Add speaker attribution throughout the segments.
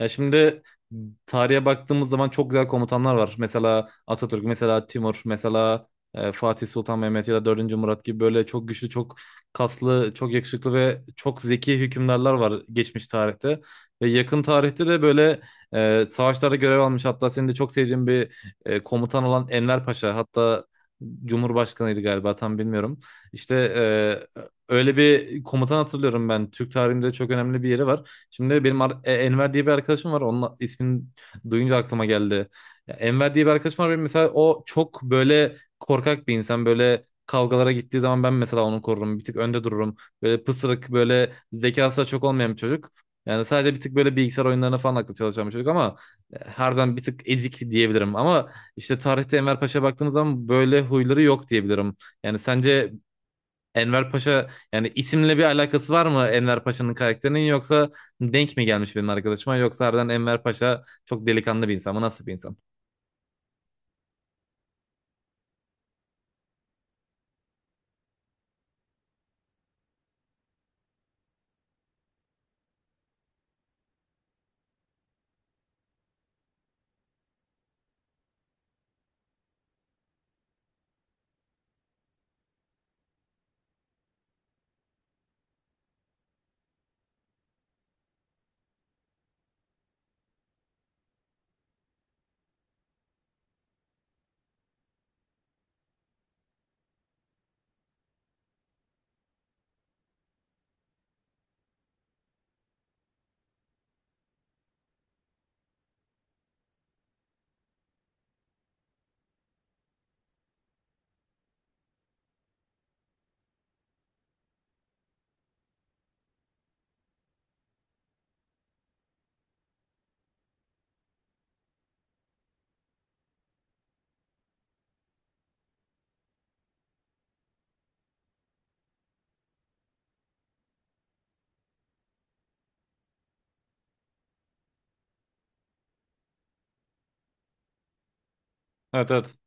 Speaker 1: Ya şimdi tarihe baktığımız zaman çok güzel komutanlar var. Mesela Atatürk, mesela Timur, mesela Fatih Sultan Mehmet ya da dördüncü Murat gibi böyle çok güçlü, çok kaslı, çok yakışıklı ve çok zeki hükümdarlar var geçmiş tarihte. Ve yakın tarihte de böyle savaşlarda görev almış. Hatta senin de çok sevdiğin bir komutan olan Enver Paşa. Hatta Cumhurbaşkanıydı galiba tam bilmiyorum. İşte e, öyle bir komutan hatırlıyorum ben. Türk tarihinde çok önemli bir yeri var. Şimdi benim Enver diye bir arkadaşım var. Onun ismini duyunca aklıma geldi. Ya, Enver diye bir arkadaşım var. Benim mesela o çok böyle korkak bir insan. Böyle kavgalara gittiği zaman ben mesela onu korurum. Bir tık önde dururum. Böyle pısırık, böyle zekası da çok olmayan bir çocuk. Yani sadece bir tık böyle bilgisayar oyunlarına falan aklı çalışan bir çocuk ama harbiden bir tık ezik diyebilirim. Ama işte tarihte Enver Paşa'ya baktığımız zaman böyle huyları yok diyebilirim. Yani sence Enver Paşa yani isimle bir alakası var mı Enver Paşa'nın karakterinin yoksa denk mi gelmiş benim arkadaşıma yoksa harbiden Enver Paşa çok delikanlı bir insan mı, nasıl bir insan? Evet, evet.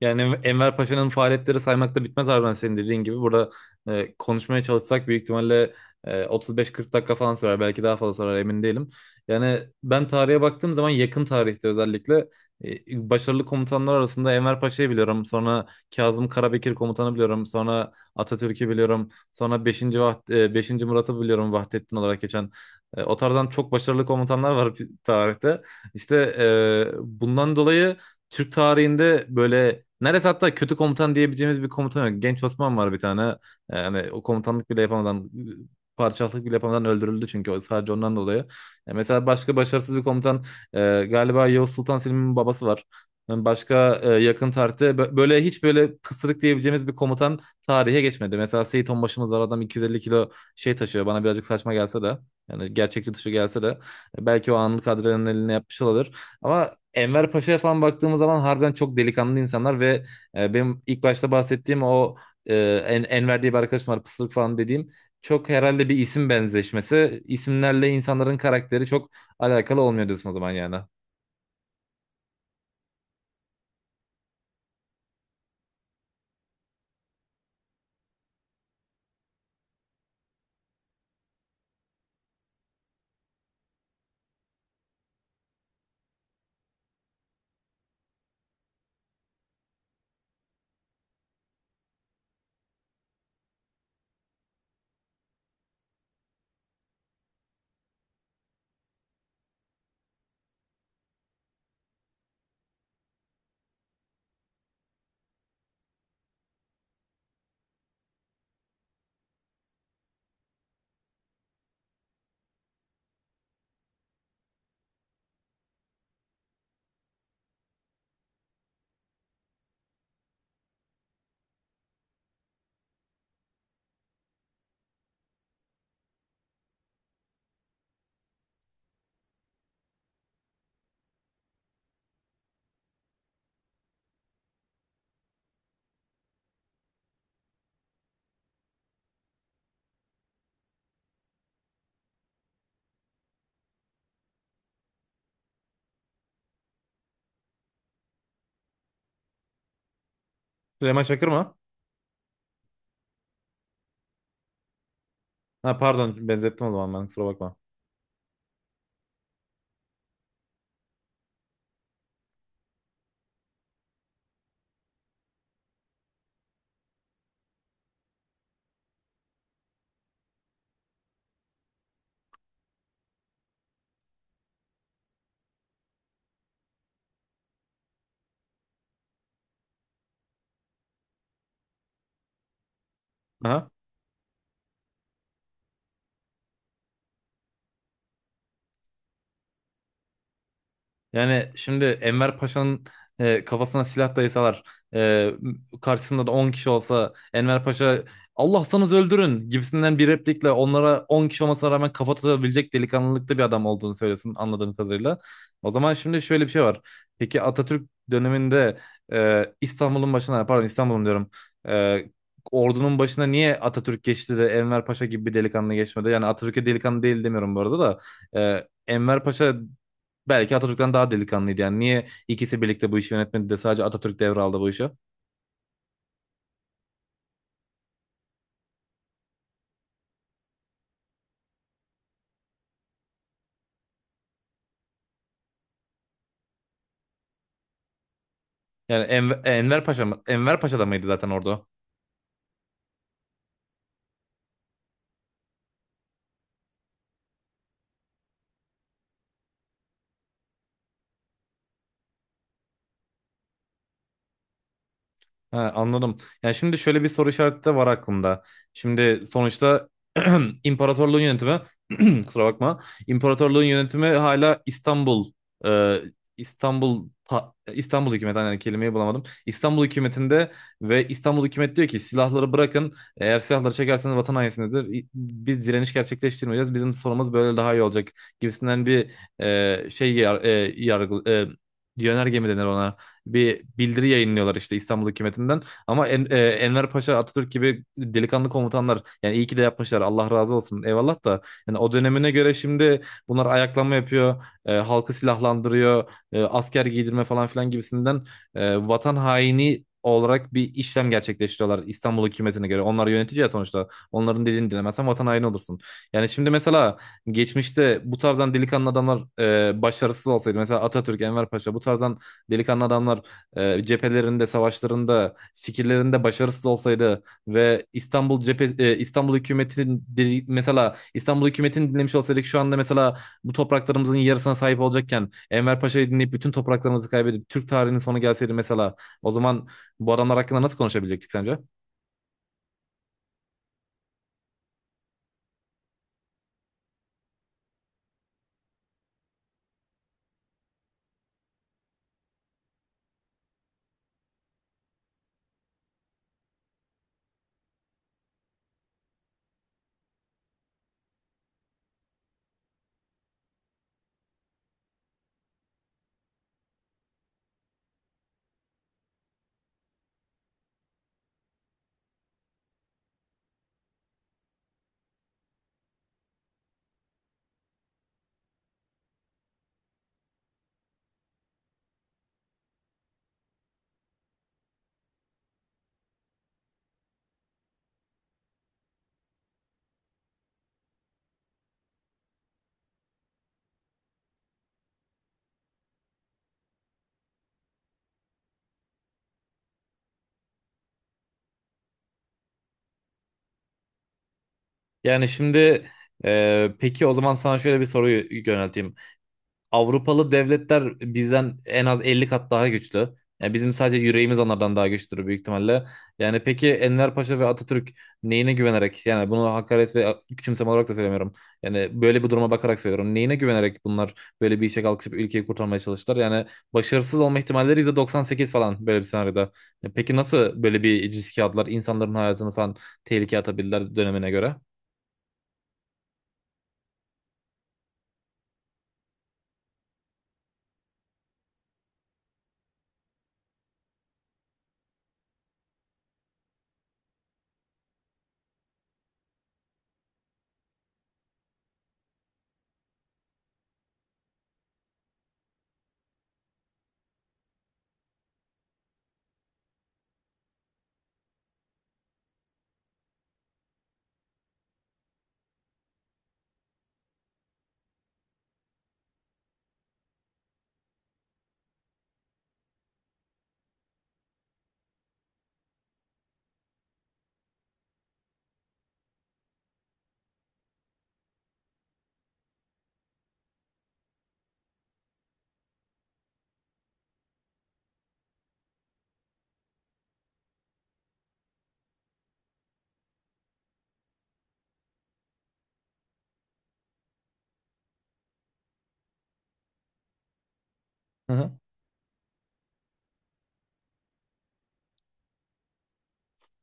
Speaker 1: Yani Enver Paşa'nın faaliyetleri saymakla bitmez abi, ben senin dediğin gibi. Burada konuşmaya çalışsak büyük ihtimalle 35-40 dakika falan sürer. Belki daha fazla sürer, emin değilim. Yani ben tarihe baktığım zaman yakın tarihte özellikle başarılı komutanlar arasında Enver Paşa'yı biliyorum. Sonra Kazım Karabekir komutanı biliyorum. Sonra Atatürk'ü biliyorum. Sonra 5. Murat'ı biliyorum, Vahdettin olarak geçen. O tarzdan çok başarılı komutanlar var tarihte. İşte bundan dolayı Türk tarihinde böyle neredeyse hatta kötü komutan diyebileceğimiz bir komutan yok. Genç Osman var bir tane. Yani o komutanlık bile yapamadan padişahlık bile yapamadan öldürüldü çünkü sadece ondan dolayı. Mesela başka başarısız bir komutan galiba Yavuz Sultan Selim'in babası var. Yani başka yakın tarihte böyle hiç böyle pısırık diyebileceğimiz bir komutan tarihe geçmedi. Mesela Seyit Onbaşımız var, adam 250 kilo şey taşıyor, bana birazcık saçma gelse de yani gerçekçi dışı gelse de belki o anlık adrenalini yapmış olabilir. Ama Enver Paşa'ya falan baktığımız zaman harbiden çok delikanlı insanlar ve benim ilk başta bahsettiğim o e, Enver diye bir arkadaşım var, pısırık falan dediğim, çok herhalde bir isim benzeşmesi. İsimlerle insanların karakteri çok alakalı olmuyor diyorsun o zaman yani. Süleyman Çakır mı? Ha, pardon, benzettim o zaman, ben kusura bakma. Aha. Yani şimdi Enver Paşa'nın kafasına silah dayasalar, e, karşısında da 10 kişi olsa, Enver Paşa Allah'sanız öldürün gibisinden bir replikle onlara 10 kişi olmasına rağmen kafa tutabilecek delikanlılıkta bir adam olduğunu söylesin anladığım kadarıyla. O zaman şimdi şöyle bir şey var. Peki Atatürk döneminde İstanbul'un başına, pardon, İstanbul'un diyorum, e, ordunun başına niye Atatürk geçti de Enver Paşa gibi bir delikanlı geçmedi? Yani Atatürk'e delikanlı değil demiyorum bu arada da. E, Enver Paşa belki Atatürk'ten daha delikanlıydı yani. Niye ikisi birlikte bu işi yönetmedi de sadece Atatürk devraldı bu işi? Yani Enver Paşa mı? Enver Paşa da mıydı zaten orada? Ha, anladım. Yani şimdi şöyle bir soru işareti de var aklımda. Şimdi sonuçta imparatorluğun yönetimi kusura bakma. İmparatorluğun yönetimi hala İstanbul, e, İstanbul hükümeti, hani kelimeyi bulamadım, İstanbul hükümetinde. Ve İstanbul hükümet diyor ki silahları bırakın. Eğer silahları çekerseniz vatan hainisinizdir. Biz direniş gerçekleştirmeyeceğiz. Bizim sorumuz böyle daha iyi olacak gibisinden bir e, şey yar, e, yargı e, yönerge mi denir ona? Bir bildiri yayınlıyorlar işte İstanbul hükümetinden. Ama Enver Paşa, Atatürk gibi delikanlı komutanlar, yani iyi ki de yapmışlar. Allah razı olsun. Eyvallah da yani o dönemine göre şimdi bunlar ayaklanma yapıyor, halkı silahlandırıyor, asker giydirme falan filan gibisinden vatan haini olarak bir işlem gerçekleştiriyorlar İstanbul hükümetine göre. Onlar yönetici ya sonuçta. Onların dediğini dinlemezsen vatan haini olursun. Yani şimdi mesela geçmişte bu tarzdan delikanlı adamlar başarısız olsaydı, mesela Atatürk, Enver Paşa, bu tarzdan delikanlı adamlar cephelerinde, savaşlarında, fikirlerinde başarısız olsaydı ve mesela İstanbul hükümetini dinlemiş olsaydık, şu anda mesela bu topraklarımızın yarısına sahip olacakken Enver Paşa'yı dinleyip bütün topraklarımızı kaybedip Türk tarihinin sonu gelseydi mesela, o zaman bu adamlar hakkında nasıl konuşabilecektik sence? Yani şimdi peki o zaman sana şöyle bir soruyu yönelteyim. Avrupalı devletler bizden en az 50 kat daha güçlü. Yani bizim sadece yüreğimiz onlardan daha güçlüdür büyük ihtimalle. Yani peki Enver Paşa ve Atatürk neyine güvenerek, yani bunu hakaret ve küçümseme olarak da söylemiyorum, yani böyle bir duruma bakarak söylüyorum, neyine güvenerek bunlar böyle bir işe kalkışıp ülkeyi kurtarmaya çalıştılar? Yani başarısız olma ihtimalleri %98 falan böyle bir senaryoda. Ya peki nasıl böyle bir riske aldılar? İnsanların hayatını falan tehlikeye atabildiler dönemine göre.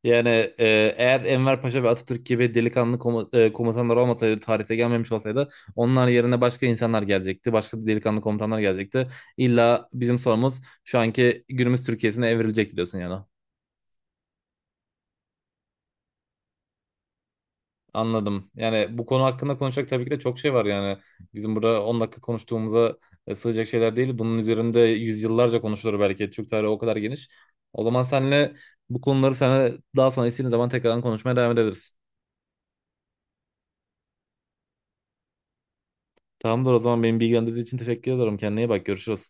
Speaker 1: Yani eğer Enver Paşa ve Atatürk gibi delikanlı komutanlar olmasaydı, tarihte gelmemiş olsaydı, onlar yerine başka insanlar gelecekti. Başka delikanlı komutanlar gelecekti. İlla bizim sorumuz şu anki günümüz Türkiye'sine evrilecek diyorsun yani. Anladım. Yani bu konu hakkında konuşacak tabii ki de çok şey var yani. Bizim burada 10 dakika konuştuğumuza sığacak şeyler değil. Bunun üzerinde yüzyıllarca konuşulur belki. Türk tarihi o kadar geniş. O zaman senle bu konuları sana daha sonra istediğin zaman tekrardan konuşmaya devam ederiz. Tamamdır, o zaman beni bilgilendirdiğin için teşekkür ederim. Kendine iyi bak, görüşürüz.